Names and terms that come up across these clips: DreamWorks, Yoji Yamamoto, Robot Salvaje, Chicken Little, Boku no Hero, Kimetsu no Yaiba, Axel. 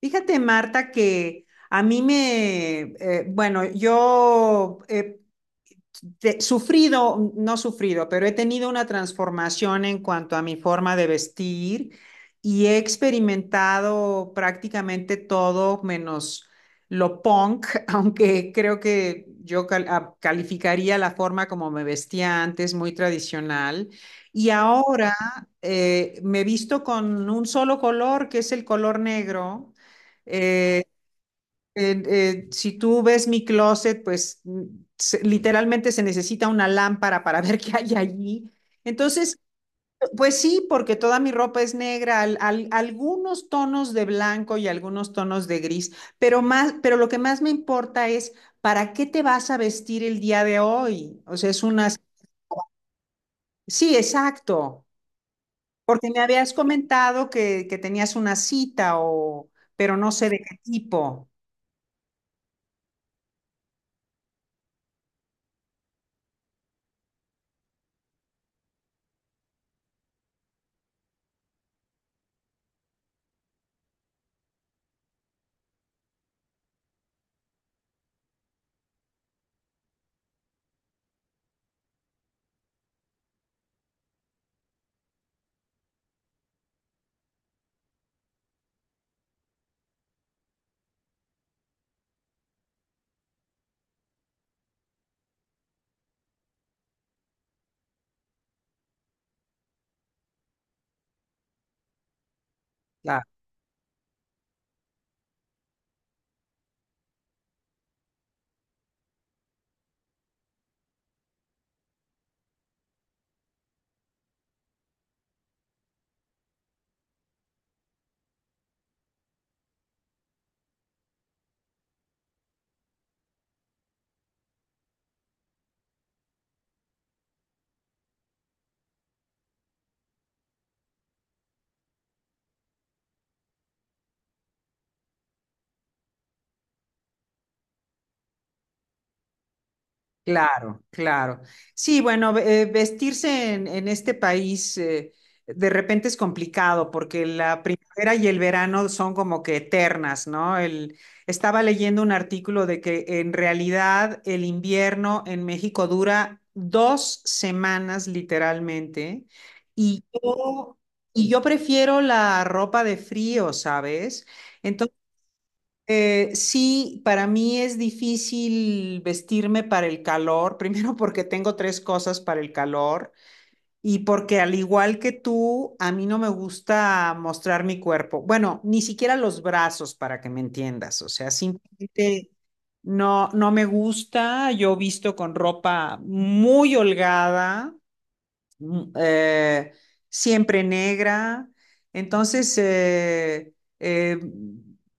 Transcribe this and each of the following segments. Fíjate, Marta, que bueno, yo he sufrido, no sufrido, pero he tenido una transformación en cuanto a mi forma de vestir y he experimentado prácticamente todo menos lo punk, aunque creo que yo calificaría la forma como me vestía antes, muy tradicional. Y ahora me visto con un solo color, que es el color negro. eh, si tú ves mi closet, pues literalmente se necesita una lámpara para ver qué hay allí. Entonces, pues sí, porque toda mi ropa es negra, algunos tonos de blanco y algunos tonos de gris, pero más, pero lo que más me importa es para qué te vas a vestir el día de hoy. O sea, es una sí, exacto, porque me habías comentado que tenías una cita o, pero no sé de qué tipo. Claro, claro. Sí, bueno, vestirse en este país de repente es complicado porque la primavera y el verano son como que eternas, ¿no? El estaba leyendo un artículo de que en realidad el invierno en México dura 2 semanas literalmente, y yo, y yo prefiero la ropa de frío, ¿sabes? Entonces. Sí, para mí es difícil vestirme para el calor, primero porque tengo tres cosas para el calor y porque al igual que tú, a mí no me gusta mostrar mi cuerpo. Bueno, ni siquiera los brazos para que me entiendas, o sea, simplemente no, no me gusta. Yo visto con ropa muy holgada, mm, eh, siempre negra. Entonces, eh,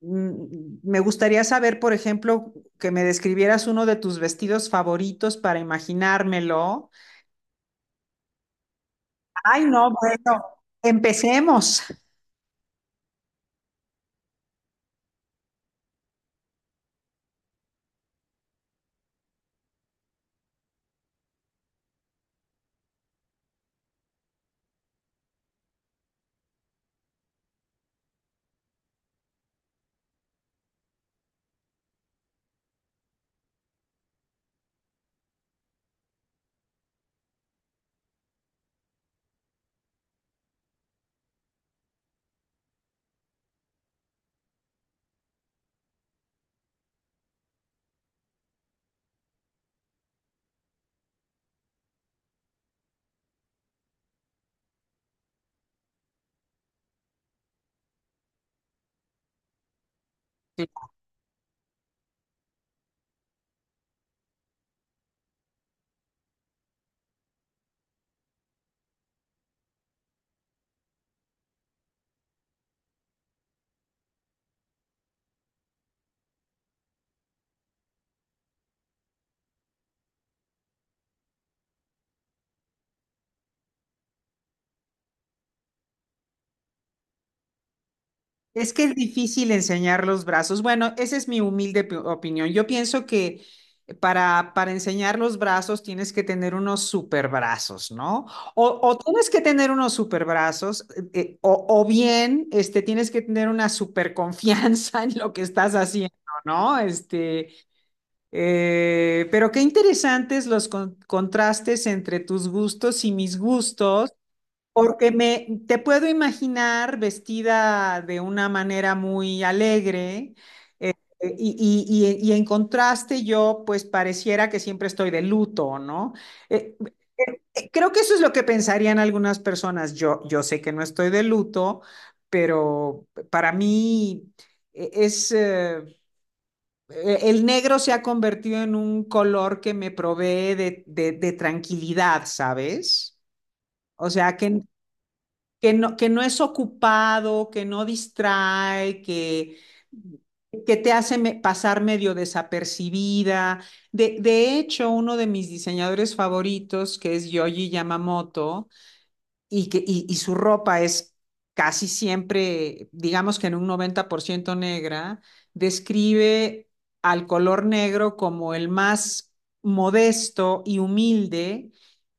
me gustaría saber, por ejemplo, que me describieras uno de tus vestidos favoritos para imaginármelo. Ay, no, bueno, empecemos. Es que es difícil enseñar los brazos. Bueno, esa es mi humilde opinión. Yo pienso que para enseñar los brazos tienes que tener unos super brazos, ¿no? O tienes que tener unos super brazos, o bien este, tienes que tener una super confianza en lo que estás haciendo, ¿no? Este, pero qué interesantes los contrastes entre tus gustos y mis gustos. Porque me te puedo imaginar vestida de una manera muy alegre, eh, y en contraste yo pues pareciera que siempre estoy de luto, ¿no? Eh, Creo que eso es lo que pensarían algunas personas. Yo sé que no estoy de luto, pero para mí eh, es... eh, el negro se ha convertido en un color que me provee de tranquilidad, ¿sabes? O sea, que no es ocupado, que no distrae, que te hace pasar medio desapercibida. De hecho, uno de mis diseñadores favoritos, que es Yoji Yamamoto, y su ropa es casi siempre, digamos que en un 90% negra, describe al color negro como el más modesto y humilde,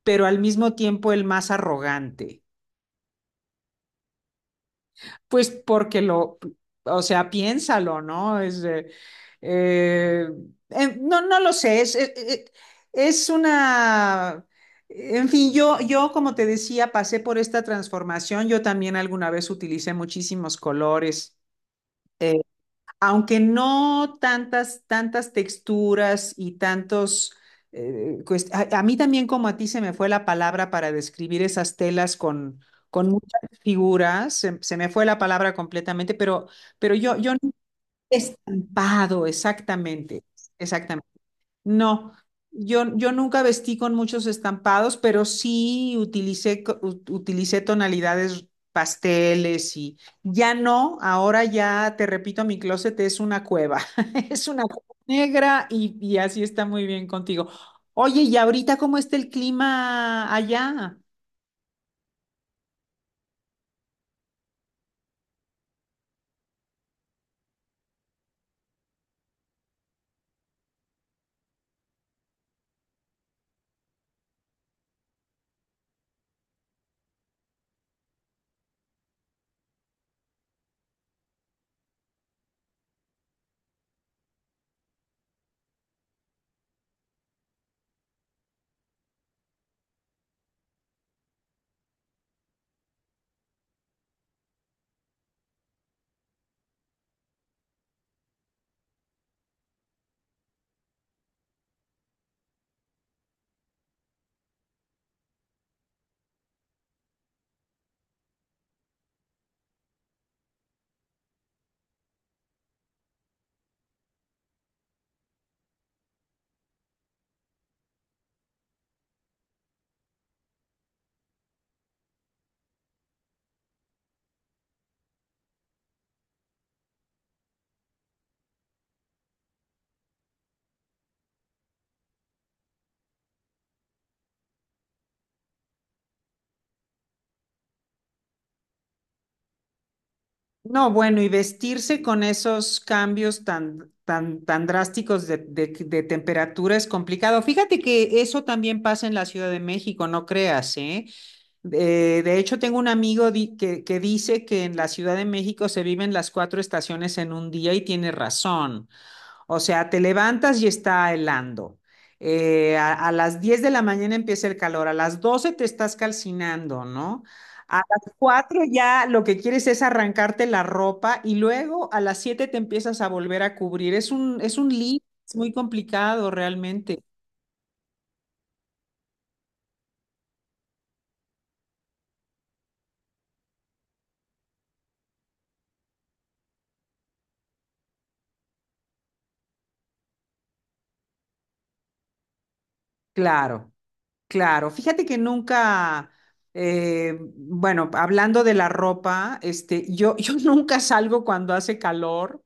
pero al mismo tiempo el más arrogante. Pues porque o sea, piénsalo, ¿no? Eh, no, no lo sé, es una, en fin, yo como te decía, pasé por esta transformación, yo también alguna vez utilicé muchísimos colores, eh, aunque no tantas, tantas texturas y tantos, a mí también como a ti se me fue la palabra para describir esas telas con muchas figuras, se me fue la palabra completamente, pero yo no he estampado exactamente, exactamente. No, yo nunca vestí con muchos estampados, pero sí utilicé, utilicé tonalidades pasteles y ya no, ahora ya te repito, mi closet es una cueva, es una cueva negra, y así está muy bien contigo. Oye, ¿y ahorita cómo está el clima allá? No, bueno, y vestirse con esos cambios tan, tan, tan drásticos de temperatura es complicado. Fíjate que eso también pasa en la Ciudad de México, no creas, ¿eh? De hecho, tengo un amigo que dice que en la Ciudad de México se viven las cuatro estaciones en un día y tiene razón. O sea, te levantas y está helando. A las 10 de la mañana empieza el calor, a las 12 te estás calcinando, ¿no? A las 4 ya lo que quieres es arrancarte la ropa y luego a las 7 te empiezas a volver a cubrir. Es un lío, es muy complicado realmente. Claro, claro. Fíjate que nunca, bueno, hablando de la ropa, este, yo, yo nunca salgo cuando hace calor.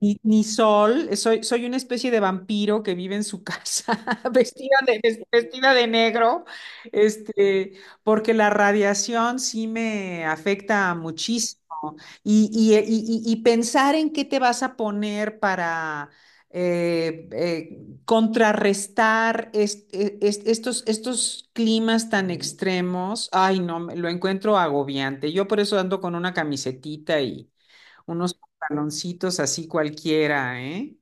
Ni sol, soy una especie de vampiro que vive en su casa, vestida de negro, este, porque la radiación sí me afecta muchísimo. Y pensar en qué te vas a poner para eh, eh, contrarrestar estos climas tan extremos, ay, no, lo encuentro agobiante. Yo por eso ando con una camisetita, unos pantaloncitos así cualquiera, ¿eh?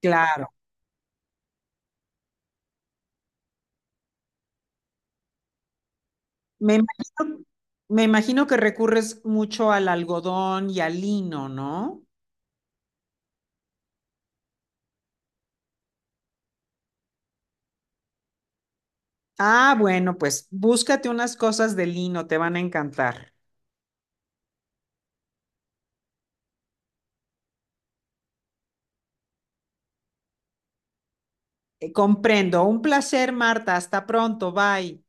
Claro. Me imagino, me imagino que recurres mucho al algodón y al lino, ¿no? Ah, bueno, pues búscate unas cosas de lino, te van a encantar. Comprendo. Un placer, Marta. Hasta pronto. Bye.